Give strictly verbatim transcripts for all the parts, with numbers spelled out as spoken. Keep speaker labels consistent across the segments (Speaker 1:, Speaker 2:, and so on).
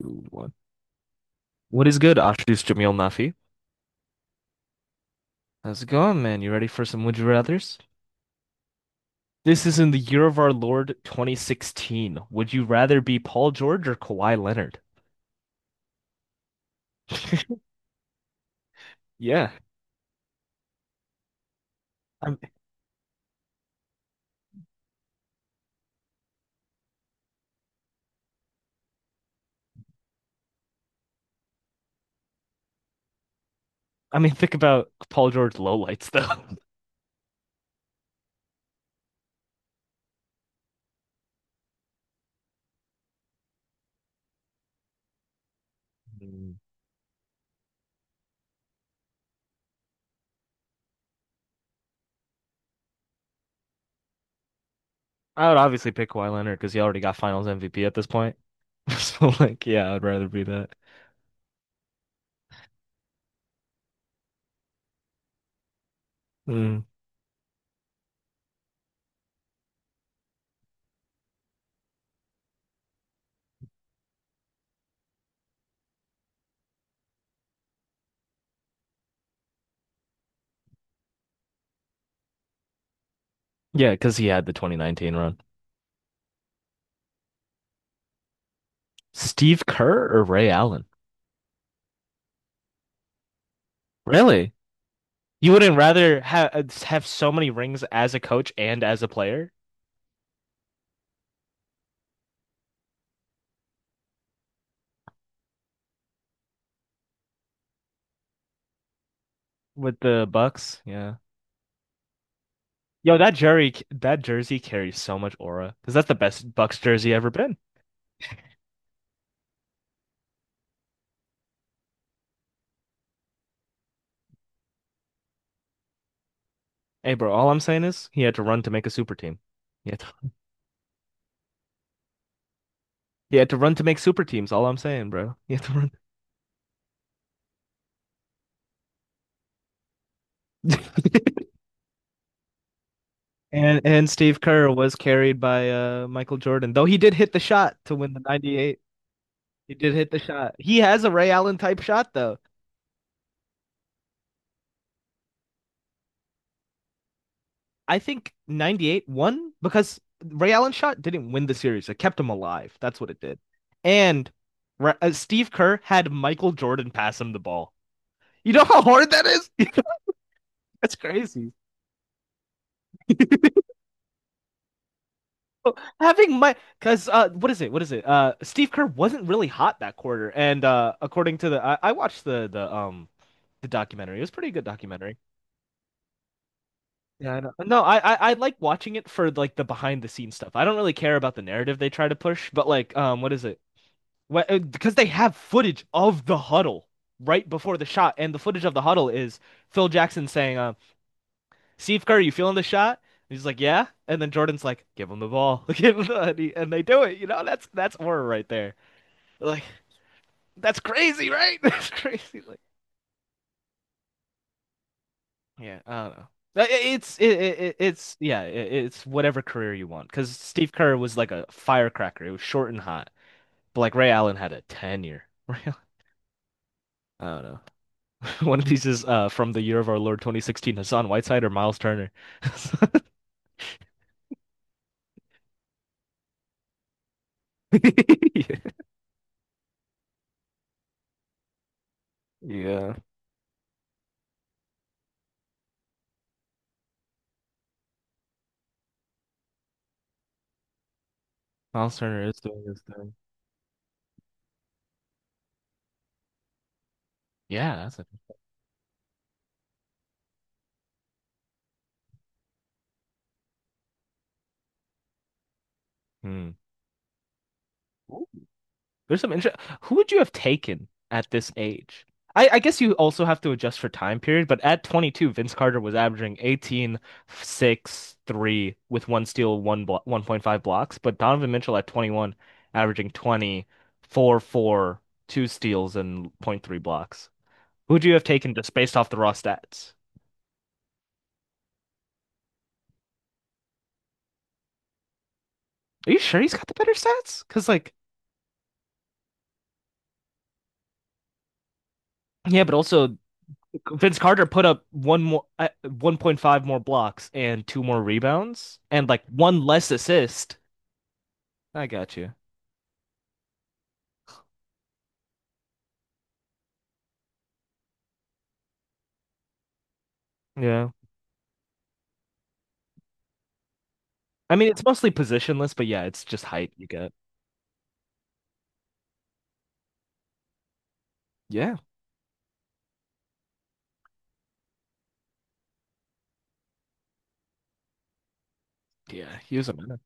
Speaker 1: Two, one. What is good? Ashdus Jamil Nafi. How's it going, man? You ready for some Would You Rathers? This is in the year of our Lord twenty sixteen. Would you rather be Paul George or Kawhi Leonard? Yeah. I I mean, think about Paul George lowlights, though. Mm. I would obviously pick Kawhi Leonard because he already got Finals M V P at this point. So, like, yeah, I'd rather be that. Mm. Yeah, because he had the twenty nineteen run. Steve Kerr or Ray Allen? Really? You wouldn't rather have have so many rings as a coach and as a player with the Bucks? Yeah. Yo, that jersey that jersey carries so much aura because that's the best Bucks jersey ever been. Hey, bro, all I'm saying is he had to run to make a super team. He had to, he had to run to make super teams. All I'm saying, bro, he had to run. And and Steve Kerr was carried by uh Michael Jordan, though he did hit the shot to win the ninety-eight. He did hit the shot. He has a Ray Allen type shot though. I think ninety-eight won because Ray Allen shot didn't win the series. It kept him alive. That's what it did. And uh, Steve Kerr had Michael Jordan pass him the ball. You know how hard that is? That's crazy. Having my because uh, what is it? What is it? Uh, Steve Kerr wasn't really hot that quarter, and uh, according to the I, I watched the the um the documentary. It was a pretty good documentary. Yeah, I know. No, I, I I like watching it for like the behind the scenes stuff. I don't really care about the narrative they try to push, but like um what is it? Because they have footage of the huddle right before the shot, and the footage of the huddle is Phil Jackson saying, uh, "Steve Kerr, you feeling the shot?" And he's like, "Yeah," and then Jordan's like, "Give him the ball," Give him the- and, he- and they do it. You know, that's that's horror right there. Like that's crazy, right? That's crazy. Like, yeah, I don't know. Uh, It's it, it it's yeah it, it's whatever career you want because Steve Kerr was like a firecracker. It was short and hot, but like Ray Allen had a tenure. Ray I don't know. One of these is uh from the year of our Lord twenty sixteen, Hassan Whiteside or Miles Turner. Yeah. Miles Turner is doing his thing. Yeah, that's it. Hmm. Ooh. There's some interest. Who would you have taken at this age? I, I guess you also have to adjust for time period, but at twenty-two, Vince Carter was averaging eighteen, six, three with one steal, one blo one point five blocks. But Donovan Mitchell at twenty-one, averaging twenty, four, four, two steals, and point three blocks. Who'd you have taken just based off the raw stats? Are you sure he's got the better stats? Because like, yeah, but also Vince Carter put up one more, uh, one point five more blocks and two more rebounds and like one less assist. I got you. Yeah. I mean, it's mostly positionless, but yeah, it's just height you get. Yeah. Yeah, he was a menace.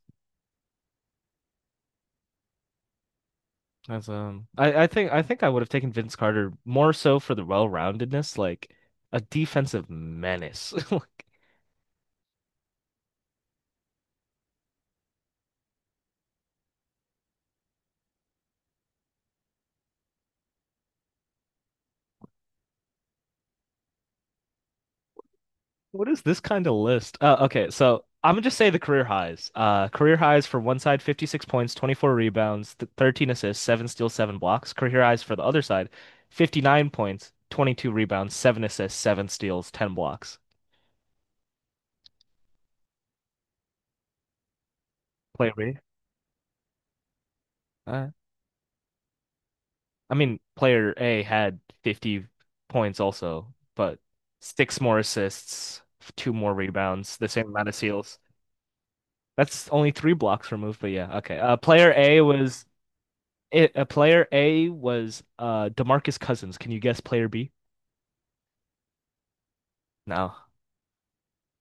Speaker 1: As um, I, I think I think I would have taken Vince Carter more so for the well-roundedness, like a defensive menace. Like, what is this kind of list? Uh, okay, so I'm gonna just say the career highs. Uh, career highs for one side, fifty-six points, twenty-four rebounds, th thirteen assists, seven steals, seven blocks. Career highs for the other side, fifty-nine points, twenty-two rebounds, seven assists, seven steals, ten blocks. Player B? Uh, I mean, player A had fifty points also, but six more assists, two more rebounds, the same amount of steals. That's only three blocks removed, but yeah, okay. Uh, player A was It, uh, player A was uh DeMarcus Cousins. Can you guess player B? No.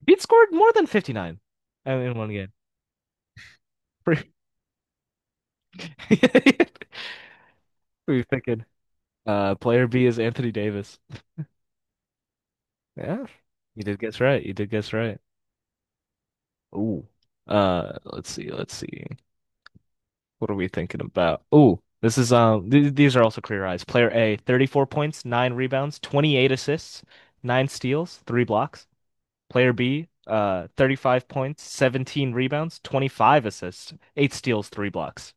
Speaker 1: He'd scored more than fifty-nine in in one game. What are you thinking. Uh, player B is Anthony Davis. Yeah, you did guess right. You did guess right. Ooh. Uh, let's see. Let's see. What are we thinking about? Ooh, this is um. Th these are also clear eyes. Player A, thirty-four points, nine rebounds, twenty-eight assists, nine steals, three blocks. Player B, uh, thirty-five points, seventeen rebounds, twenty-five assists, eight steals, three blocks.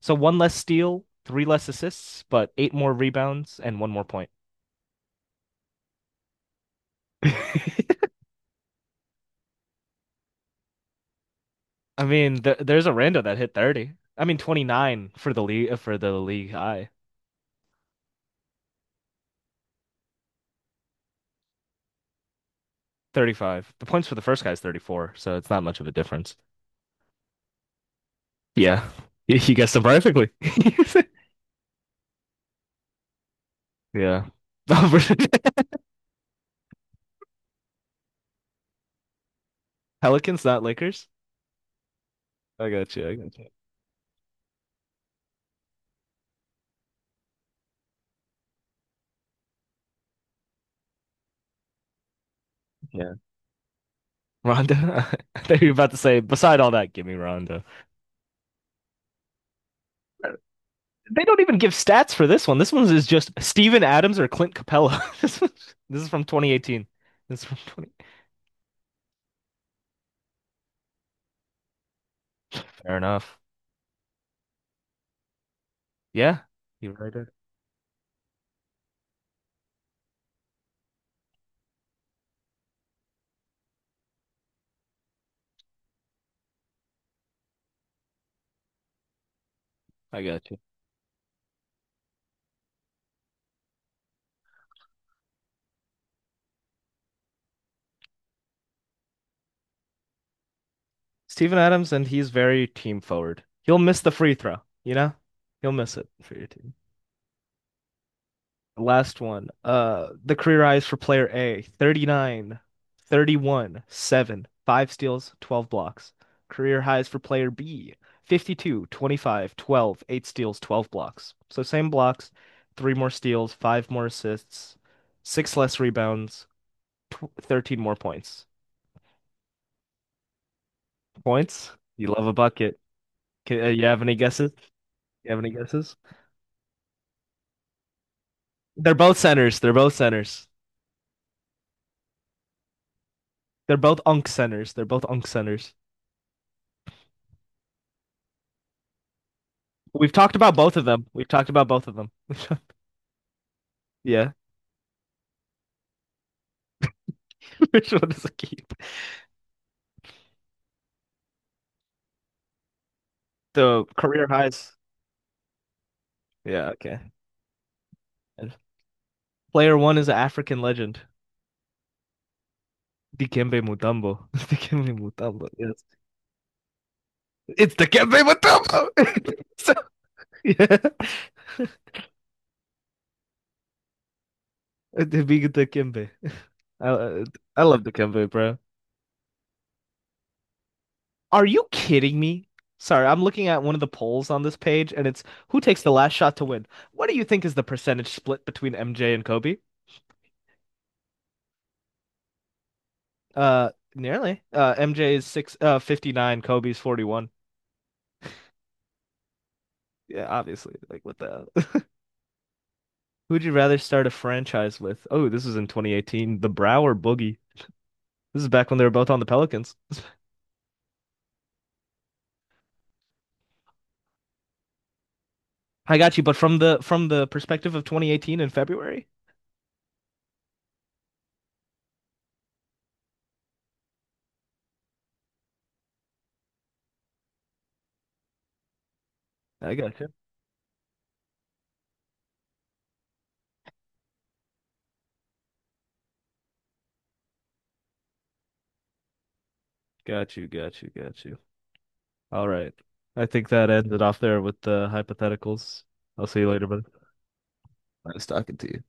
Speaker 1: So one less steal, three less assists, but eight more rebounds and one more point. I mean, th there's a rando that hit thirty. I mean, twenty-nine for the league for the league high. thirty-five. The points for the first guy is thirty-four, so it's not much of a difference. Yeah. You guessed it perfectly. Yeah. Pelicans, not Lakers. I got you. I got you. Yeah. Rhonda? I thought you were about to say, beside all that, give me Rhonda. They don't even give stats for this one. This one is just Steven Adams or Clint Capella. this, one, this is from twenty eighteen. This is from twenty. Fair enough. Yeah, you right it. I got you. Steven Adams, and he's very team forward. He'll miss the free throw, you know? He'll miss it for your team. Last one. Uh, the career highs for player A, thirty-nine, thirty-one, seven, five steals, twelve blocks. Career highs for player B, fifty-two, twenty-five, twelve, eight steals, twelve blocks. So same blocks, three more steals, five more assists, six less rebounds, tw thirteen more points. Points? You love a bucket. Can, uh, you have any guesses? You have any guesses? They're both centers. They're both centers. They're both unk centers. They're both unk centers. We've talked about both of them. We've talked about both of them. Yeah. Which one does it keep? The career highs. Yeah, okay. And player one is an African legend. Dikembe Mutombo. Dikembe Mutombo. Yes. It's Dikembe Mutombo. So, yeah. The big Dikembe. I, uh, I love Dikembe, bro. Are you kidding me? Sorry, I'm looking at one of the polls on this page and it's who takes the last shot to win. What do you think is the percentage split between M J and Kobe? Uh, nearly. Uh, M J's six uh fifty-nine, Kobe's forty-one. Yeah, obviously. Like what the hell? Who would you rather start a franchise with? Oh, this is in twenty eighteen. The Brow or Boogie? This is back when they were both on the Pelicans. I got you, but from the from the perspective of twenty eighteen in February, I got you. Got you, got you, got you. All right. I think that ended off there with the hypotheticals. I'll see you later, buddy. Nice talking to you.